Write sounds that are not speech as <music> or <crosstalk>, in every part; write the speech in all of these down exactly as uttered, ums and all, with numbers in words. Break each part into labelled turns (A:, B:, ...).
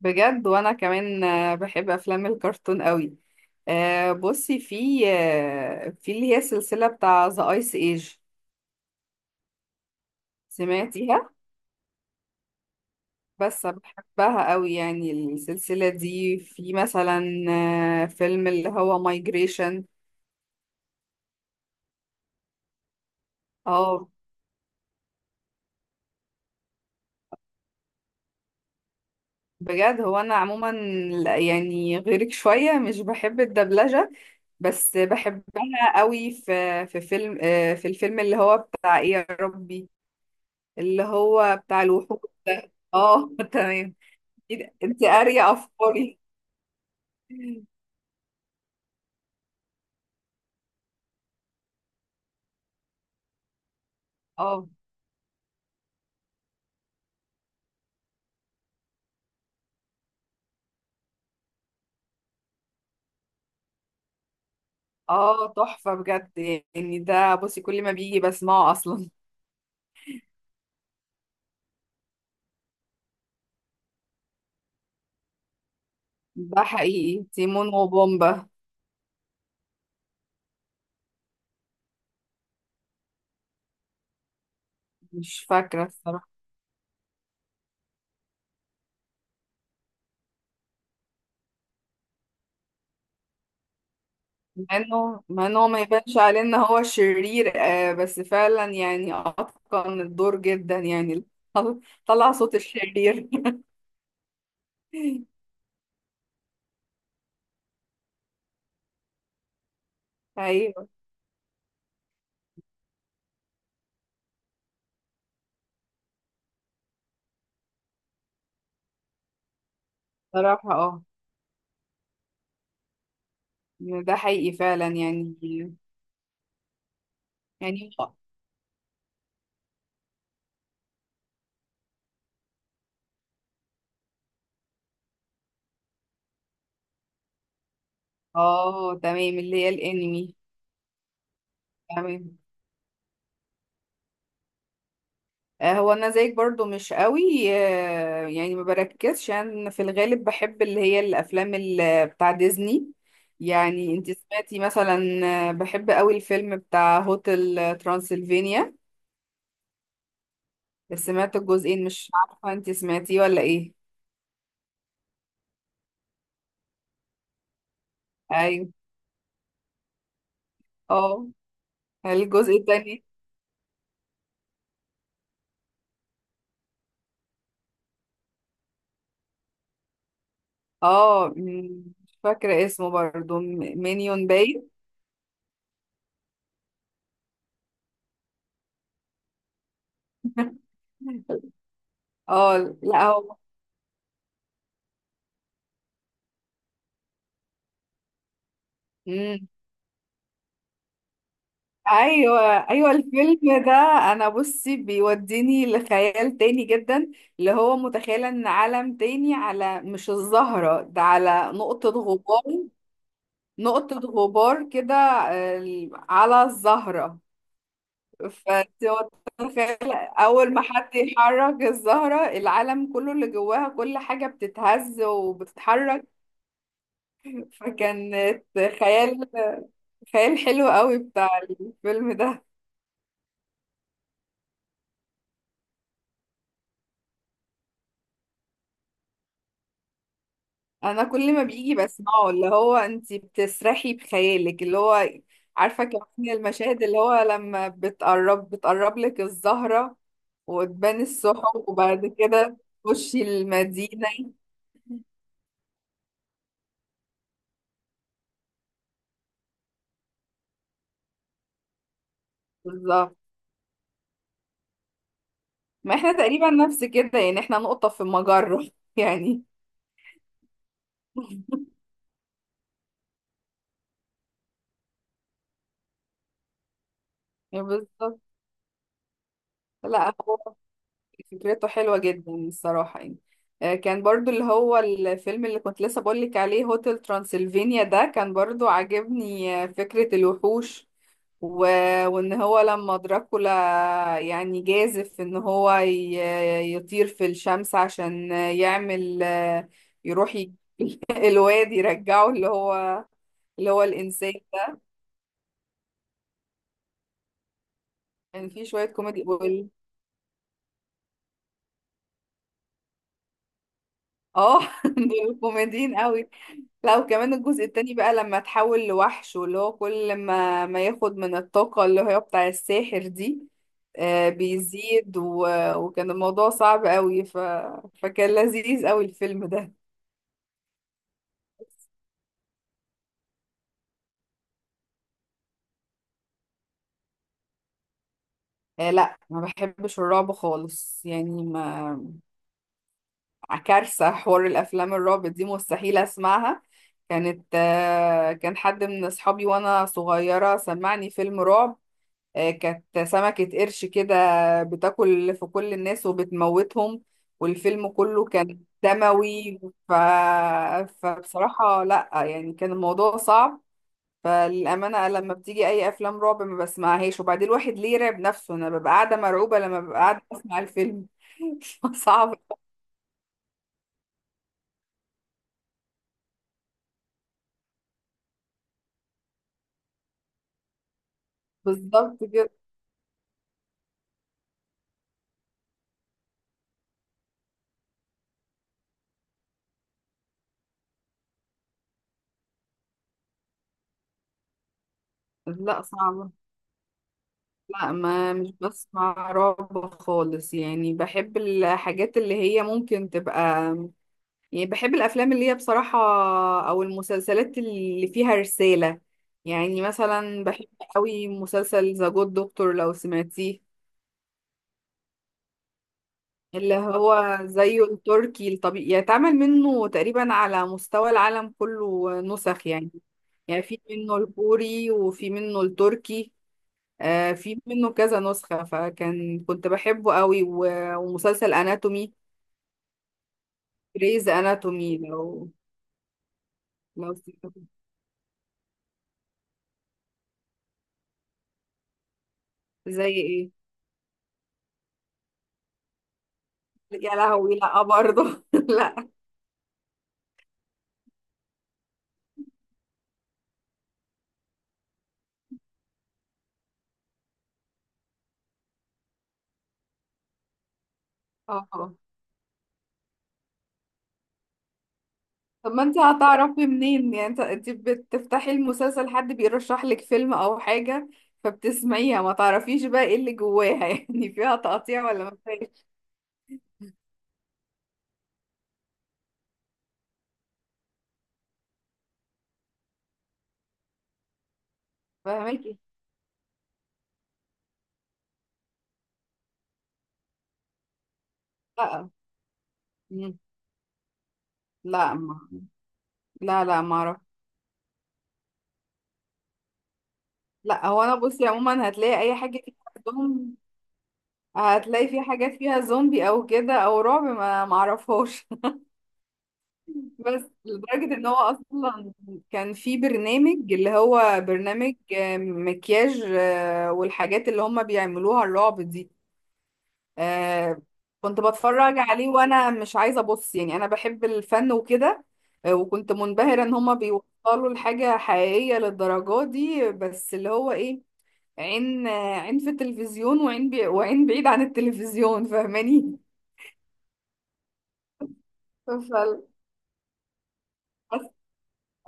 A: بجد، وانا كمان آه، بحب افلام الكرتون قوي. آه، بصي، في آه، في اللي هي السلسله بتاع ذا ايس ايج. سمعتيها؟ بس بحبها قوي، يعني السلسله دي، في مثلا آه، فيلم اللي هو مايجريشن. اه، بجد هو انا عموما لا- يعني غيرك شويه مش بحب الدبلجه. بس بحبها قوي في في فيلم، آه، في الفيلم اللي هو بتاع ايه يا ربي؟ اللي هو بتاع الوحوش ده، اه <laughs> تمام. إيه ده؟ انت قارية افكاري؟ اه، اه تحفة بجد. يعني ده بصي كل ما بيجي بسمعه اصلا. ده حقيقي تيمون وبومبا. مش فاكرة الصراحة. مع انه مع انه ما يبانش عليه ان هو شرير، آه بس فعلا يعني اتقن الدور جدا يعني. طل- طلع صوت الشرير. <laughs> ايوه، صراحة اه. ده حقيقي فعلا يعني. يعني اه، تمام، اللي هي الانمي. تمام، آه، هو انا زيك برضو مش قوي. آه، يعني ما بركزش، انا في الغالب بحب اللي هي الافلام ال- بتاع ديزني. يعني انت سمعتي مثلا آه، بحب قوي الفيلم بتاع هوتل ترانسلفينيا؟ سمعت الجزئين، مش عارفة انت سمعتيه ولا ايه. ايوه. اه، الجزء التاني. اه، م- مش فاكرة اسمه برضو، مينيون باين. <laughs> اه، لا هو. مم. ايوه، ايوه الفيلم ده، انا بصي بيوديني لخيال تاني جدا، اللي هو متخيله ان عالم تاني على، مش الزهره ده، على نقطه غبار. نقطه غبار كده آه، على الزهره. فتخيل اول ما حد يحرك الزهره، العالم كله اللي جواها كل حاجه بتتهز وبتتحرك. فكانت خيال، خيال حلو قوي بتاع الفيلم ده. انا كل ما بيجي بسمعه، اللي هو انت بتسرحي بخيالك، اللي هو، عارفه كمان المشاهد اللي هو لما بتقرب بتقرب لك الزهره وتبان السحب وبعد كده تخشي المدينه. بالظبط. ما احنا تقريبا نفس كده، يعني احنا نقطه في المجره <laughs> يعني. بالظبط. لا، فكرته حلوة جدا الصراحة يعني. آه، كان برضو اللي هو الفيلم اللي كنت لسه بقولك عليه هوتل ترانسلفينيا ده، كان برضو عاجبني آه، فكرة الوحوش، و... وان هو لما دراكولا يعني جازف ان هو ي... يطير في الشمس عشان يعمل آه، يروح يج- <laughs> الواد يرجعه، اللي هو اللي هو الانسان. كان يعني في شوية كوميدي وال- اه <laughs> دول كوميديين قوي. لا، وكمان الجزء التاني بقى لما تحول لوحش، واللي هو كل ما ما ياخد من الطاقة اللي هي بتاع الساحر دي آه بيزيد و... وكان الموضوع صعب قوي ف... فكان لذيذ قوي الفيلم ده. آه لا، ما بحبش الرعب خالص يعني ما، كارثة حوار، الأفلام الرعب دي مستحيل أسمعها. كانت آه كان حد من أصحابي وأنا صغيرة سمعني فيلم رعب، آه، كانت سمكة قرش كده بتاكل في كل الناس وبتموتهم، والفيلم كله كان دموي. ف... فبصراحة لأ يعني، كان الموضوع صعب. فللأمانة لما بتيجي أي أفلام رعب ما بسمعهاش، وبعدين الواحد ليه يرعب نفسه؟ أنا ببقى قاعدة مرعوبة لما ببقى قاعدة أسمع الفيلم. <laughs> صعب. بالظبط كده. لا صعبة. لا، ما مش بسمع رعب خالص، يعني بحب الحاجات اللي هي ممكن تبقى، يعني بحب الافلام اللي هي بصراحه، او المسلسلات اللي فيها رساله. يعني مثلا بحب قوي مسلسل ذا جود دكتور، لو سمعتيه، اللي هو زيه التركي الطبيعي، يتعمل منه تقريبا على مستوى العالم كله نسخ يعني، يعني في منه الكوري، وفي منه التركي، آه في منه كذا نسخة. فكان كنت بحبه قوي و- ومسلسل اناتومي، ريز اناتومي، لو لو سمعته. زي ايه؟ يا لهوي، لا برضه <laughs> لا، اه. طب ما انت هتعرفي منين؟ يعني انت انت بتفتحي المسلسل، حد بيرشح لك فيلم او حاجة فبتسمعيها، ما تعرفيش بقى ايه اللي جواها <laughs> يعني فيها تقطيع ولا ما فيهاش؟ فاهمكي. لا. مم. لا ما. لا لا، ما اعرف. لا هو انا بصي عموما هتلاقي اي حاجة فيها زومبي، هتلاقي في حاجة فيها زومبي او كده او رعب، ما ما اعرفهاش. بس لدرجة ان هو اصلا كان في برنامج، اللي هو برنامج آه، مكياج آه، والحاجات اللي هم بيعملوها الرعب دي. آه، كنت بتفرج عليه وانا مش عايزة ابص، يعني انا بحب الفن وكده. آه، وكنت منبهرة ان هم بيوصلوا لحاجة حقيقية للدرجة دي. بس اللي هو ايه، عين آه، عين في التلفزيون، وعين بي... وعين بعيد عن التلفزيون، فاهماني؟ <laughs> فال-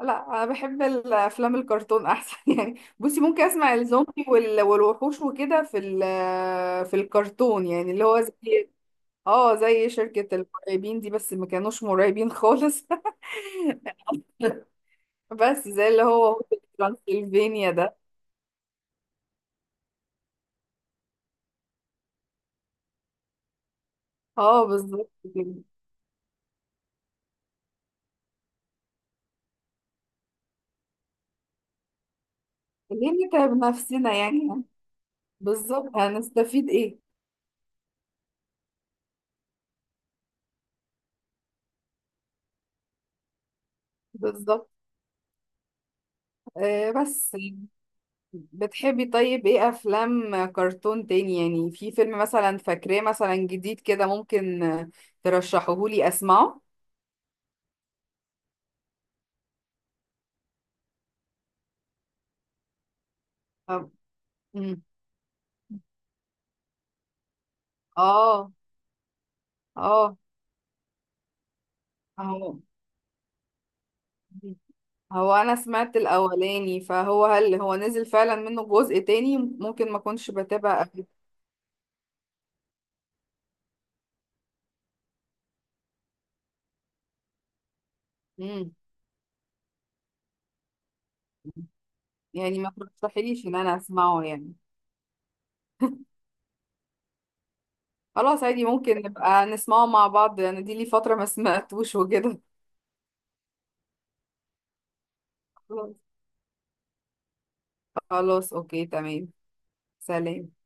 A: لا، انا بحب الافلام الكرتون احسن <laughs> يعني بصي، ممكن اسمع الزومبي وال- والوحوش وكده في ال- في الكرتون، يعني اللي هو زي، اه، زي شركة المرعبين دي، بس ما كانوش مرعبين خالص. <laughs> بس زي اللي هو هوتل ترانسلفينيا ده. اه، بالظبط كده. ليه نتعب نفسنا يعني؟ بالظبط، هنستفيد ايه؟ بالظبط آه. بس بتحبي طيب ايه افلام كرتون تاني؟ يعني في فيلم مثلا فاكراه مثلا جديد كده ممكن ترشحهولي اسمعه؟ طب- مم. اه، اه، هو هو انا سمعت الاولاني، فهو هل هو نزل فعلا منه جزء تاني؟ ممكن ما كنتش بتابع قبل. مم. يعني ما ترشحيليش ان انا اسمعه يعني؟ خلاص، عادي ممكن نبقى نسمعه مع بعض، انا دي لي فترة ما سمعتوش وكده. خلاص، خلاص، اوكي تمام. سلام.